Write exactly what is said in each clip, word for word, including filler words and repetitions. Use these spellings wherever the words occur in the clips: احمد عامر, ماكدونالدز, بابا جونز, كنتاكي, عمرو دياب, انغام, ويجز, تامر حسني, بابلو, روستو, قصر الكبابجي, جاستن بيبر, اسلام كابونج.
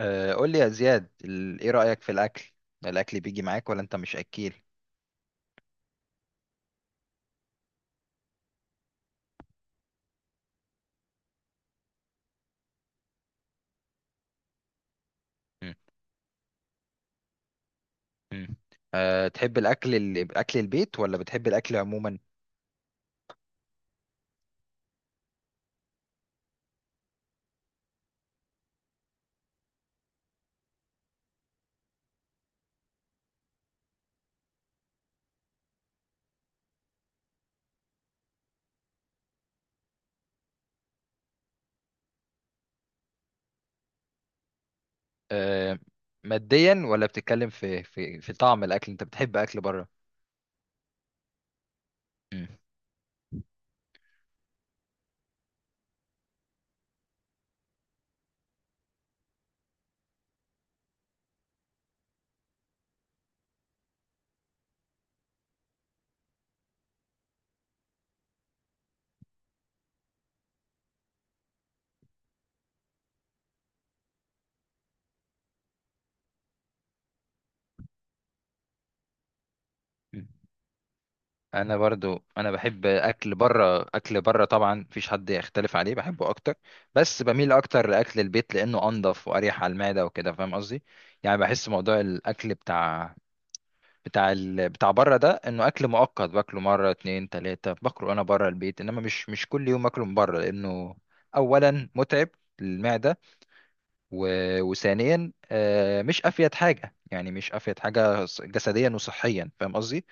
آه، قول لي يا زياد ال- ايه رأيك في الاكل؟ الاكل بيجي معاك ولا انت مش اكيل؟ مم. مم. أه، تحب الاكل ال- اكل البيت ولا بتحب الاكل عموما؟ أه، ماديا ولا بتتكلم في في في طعم الاكل؟ انت بتحب اكل بره؟ مم. مم. انا برضو، انا بحب اكل بره. اكل بره طبعا مفيش حد يختلف عليه، بحبه اكتر، بس بميل اكتر لاكل البيت لانه انضف واريح على المعدة وكده، فاهم قصدي؟ يعني بحس موضوع الاكل بتاع بتاع ال... بتاع بره ده انه اكل مؤقت، باكله مره اتنين تلاته، باكله انا بره البيت، انما مش مش كل يوم اكله من بره، لانه اولا متعب للمعده، و... وثانيا آه، مش افيد حاجه، يعني مش افيد حاجه ص- جسديا وصحيا، فاهم قصدي؟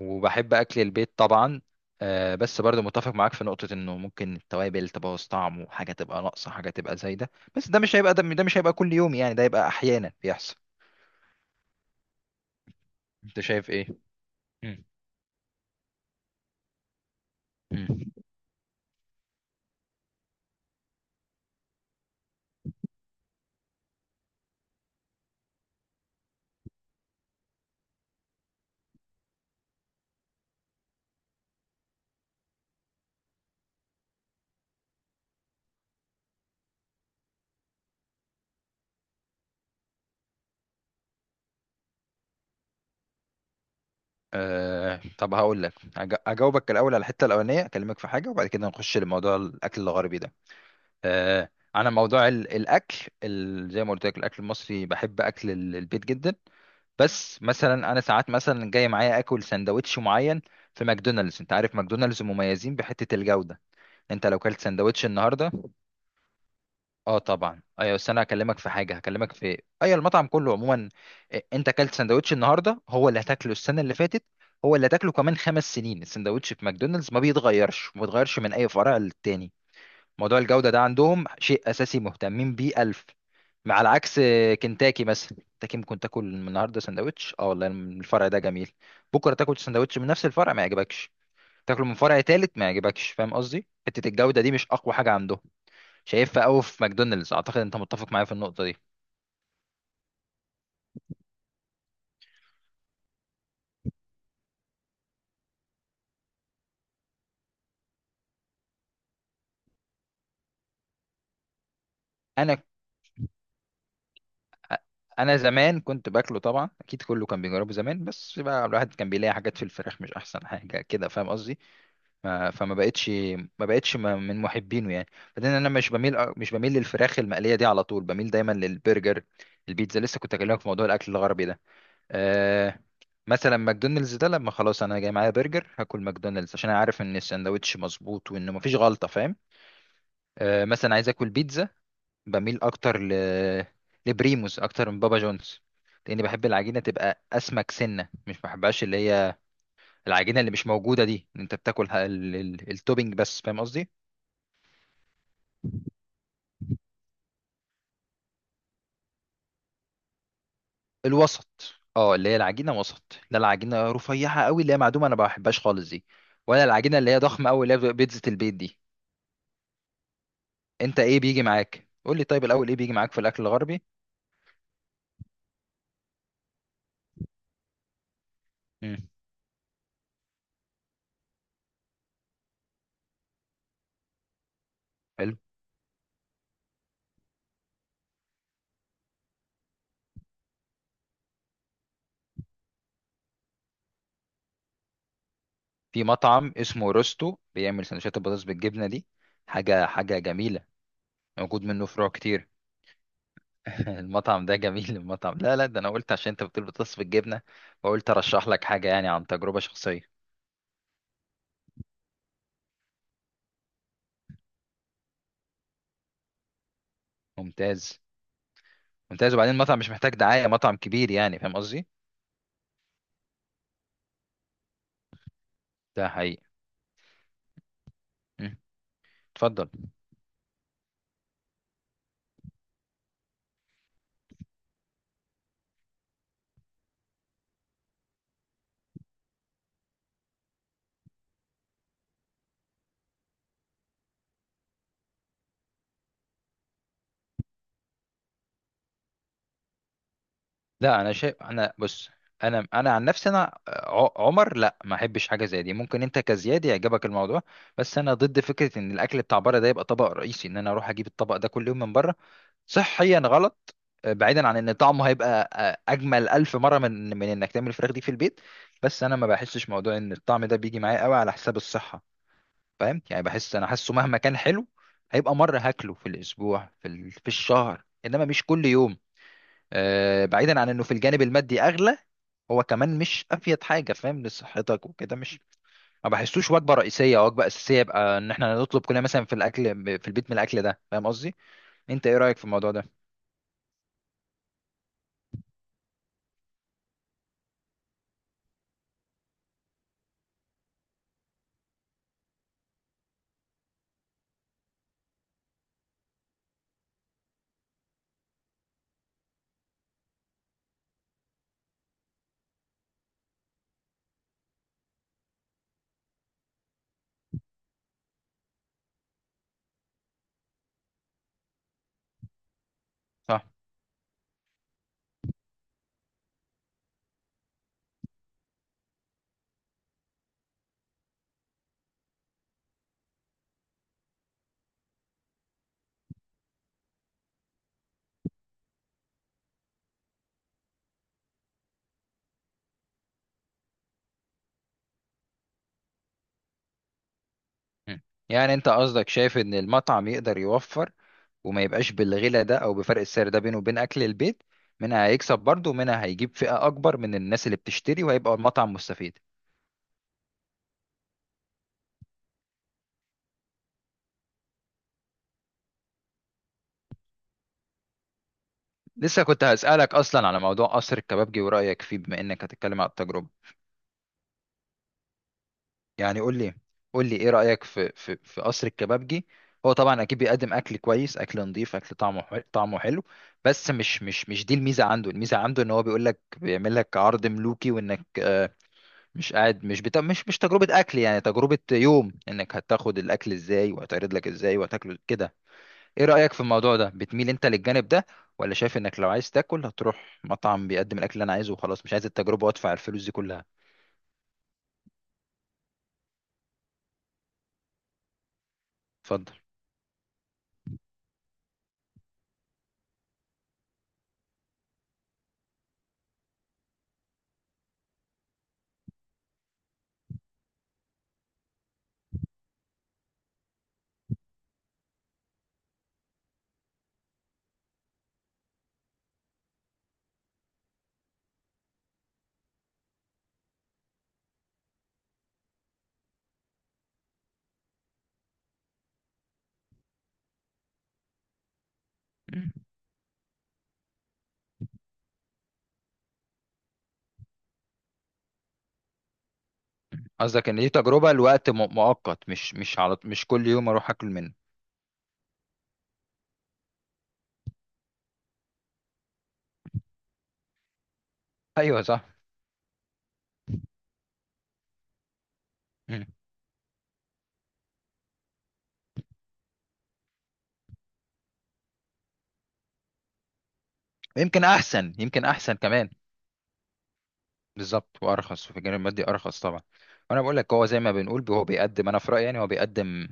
وبحب اكل البيت طبعا. آه، بس برضه متفق معاك في نقطة انه ممكن التوابل تبوظ طعمه، حاجة تبقى ناقصة، حاجة تبقى زايدة، بس ده مش هيبقى ده, ده مش هيبقى كل يوم، يعني ده يبقى احيانا بيحصل. انت شايف ايه؟ مم. مم. أه، طب هقول لك، أج- اجاوبك الاول على الحته الاولانيه، اكلمك في حاجه وبعد كده نخش لموضوع الاكل الغربي ده. أه، انا موضوع ال- الاكل، ال- زي ما قلت لك الاكل المصري، بحب اكل ال- البيت جدا، بس مثلا انا ساعات مثلا جاي معايا اكل سندوتش معين في ماكدونالدز. انت عارف ماكدونالدز مميزين بحته الجوده. انت لو كلت سندوتش النهارده، اه طبعا، ايوه، بس انا هكلمك في حاجه، هكلمك في ايوه، المطعم كله عموما. إيه، انت اكلت سندوتش النهارده هو اللي هتاكله السنه اللي فاتت، هو اللي هتاكله كمان خمس سنين. السندوتش في ماكدونالدز ما بيتغيرش، ما بيتغيرش من اي فرع للتاني. موضوع الجوده ده عندهم شيء اساسي، مهتمين بيه الف. مع العكس آه، كنتاكي، مثلا كنتاكي ممكن تاكل النهارده سندوتش، اه والله الفرع ده جميل، بكره تاكل سندوتش من نفس الفرع ما يعجبكش، تاكله من فرع تالت ما يعجبكش، فاهم قصدي؟ حته الجوده دي مش اقوى حاجه عندهم، شايفها قوي في ماكدونالدز. اعتقد انت متفق معايا في النقطه دي. انا انا زمان كنت باكله طبعا، اكيد كله كان بيجربه زمان، بس بقى الواحد كان بيلاقي حاجات في الفراخ مش احسن حاجه كده، فاهم قصدي؟ ما- فما بقتش، ما بقتش م- من محبينه يعني. بعدين انا مش بميل مش بميل للفراخ المقليه دي على طول، بميل دايما للبرجر. البيتزا لسه كنت اكلمك في موضوع الاكل الغربي ده. أه، مثلا ماكدونالدز ده لما خلاص انا جاي معايا برجر، هاكل ماكدونالدز عشان انا عارف ان الساندوتش مظبوط وانه مفيش غلطه، فاهم؟ آه، مثلا عايز اكل بيتزا، بميل اكتر ل... لبريموز اكتر من بابا جونز، لاني بحب العجينه تبقى اسمك سنه، مش بحبهاش اللي هي العجينه اللي مش موجوده دي، إن انت بتاكل ه- ال... ال... التوبينج بس، فاهم قصدي؟ الوسط، اه، اللي هي العجينه وسط، لا العجينه رفيعه قوي اللي هي معدومه، انا ما بحبهاش خالص دي، ولا العجينه اللي هي ضخمه قوي اللي هي بتبقى بيتزا البيت دي. انت ايه بيجي معاك؟ قول لي طيب الاول، ايه بيجي معاك في الاكل الغربي؟ امم، حلو. في مطعم اسمه روستو بيعمل سندوتشات البطاطس بالجبنه دي، حاجه حاجه جميله. موجود منه فروع كتير. المطعم ده جميل. المطعم، لا لا ده انا قلت عشان انت بتقول بتصف الجبنه، فقلت ارشح لك حاجه يعني عن تجربه شخصيه. ممتاز. ممتاز، وبعدين المطعم مش محتاج دعايه، مطعم كبير يعني، فاهم قصدي؟ ده حقيقي. مم. اتفضل. لا، انا شايف، انا بص، انا انا عن نفسي انا، ع- عمر، لا ما احبش حاجه زي دي، ممكن انت كزياد يعجبك الموضوع، بس انا ضد فكره ان الاكل بتاع بره ده يبقى طبق رئيسي، ان انا اروح اجيب الطبق ده كل يوم من بره. صحيا غلط. آه، بعيدا عن ان طعمه هيبقى آه، اجمل الف مره من من انك تعمل الفراخ دي في البيت، بس انا ما بحسش موضوع ان الطعم ده بيجي معايا قوي على حساب الصحه، فاهم يعني؟ بحس، انا حاسه مهما كان حلو هيبقى مره هاكله في الاسبوع، في ال- في الشهر، انما مش كل يوم. آه، بعيدا عن انه في الجانب المادي اغلى، هو كمان مش افيد حاجه، فاهم، لصحتك وكده مش، ما بحسوش وجبه رئيسيه او وجبه اساسيه يبقى ان احنا نطلب كلنا مثلا في الاكل في البيت من الاكل ده، فاهم قصدي؟ انت ايه رايك في الموضوع ده؟ صح. مم. يعني انت قصدك شايف ان المطعم يقدر يوفر وما يبقاش بالغلا ده او بفرق السعر ده بينه وبين اكل البيت، منها هيكسب برضه ومنها هيجيب فئة اكبر من الناس اللي بتشتري، وهيبقى المطعم مستفيد. لسه كنت هسألك اصلا على موضوع قصر الكبابجي ورأيك فيه، بما انك هتتكلم على التجربة، يعني قول لي، قول لي ايه رأيك في في في قصر الكبابجي؟ هو طبعا اكيد بيقدم اكل كويس، اكل نظيف، اكل طعمه حلو، طعمه حلو، بس مش مش مش دي الميزة عنده، الميزة عنده ان هو بيقول لك بيعمل لك عرض ملوكي، وانك مش قاعد مش بتا... مش مش تجربة أكل، يعني تجربة يوم، إنك هتاخد الأكل إزاي وهيتعرض لك إزاي وهتاكله كده. إيه رأيك في الموضوع ده؟ بتميل أنت للجانب ده، ولا شايف إنك لو عايز تاكل هتروح مطعم بيقدم الأكل اللي أنا عايزه وخلاص، مش عايز التجربة وأدفع الفلوس دي كلها؟ اتفضل. مم. قصدك إن دي تجربة لوقت م... مؤقت؟ مش مش على مش كل يوم أروح أكل منه؟ أيوه صح. مم. يمكن أحسن، يمكن أحسن كمان. بالظبط، وأرخص، وفي الجانب المادي أرخص طبعا. وأنا بقول لك، هو زي ما بنقول هو بيقدم، أنا في رأيي يعني هو بيقدم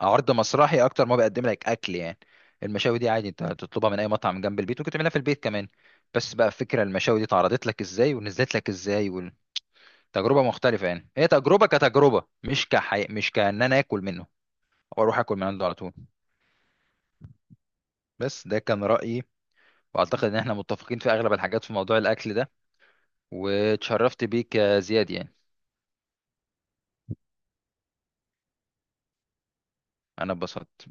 عرض مسرحي اكتر ما بيقدم لك اكل يعني. المشاوي دي عادي انت تطلبها من اي مطعم جنب البيت، ممكن تعملها في البيت كمان، بس بقى فكرة المشاوي دي اتعرضت لك ازاي ونزلت لك ازاي. والتجربة مختلفة، يعني هي تجربة كتجربة، مش كحي... مش كأن انا اكل منه او اروح اكل من عنده على طول. بس ده كان رأيي، واعتقد ان احنا متفقين في اغلب الحاجات في موضوع الاكل ده. واتشرفت بيك يا زياد يعني. انا اتبسطت.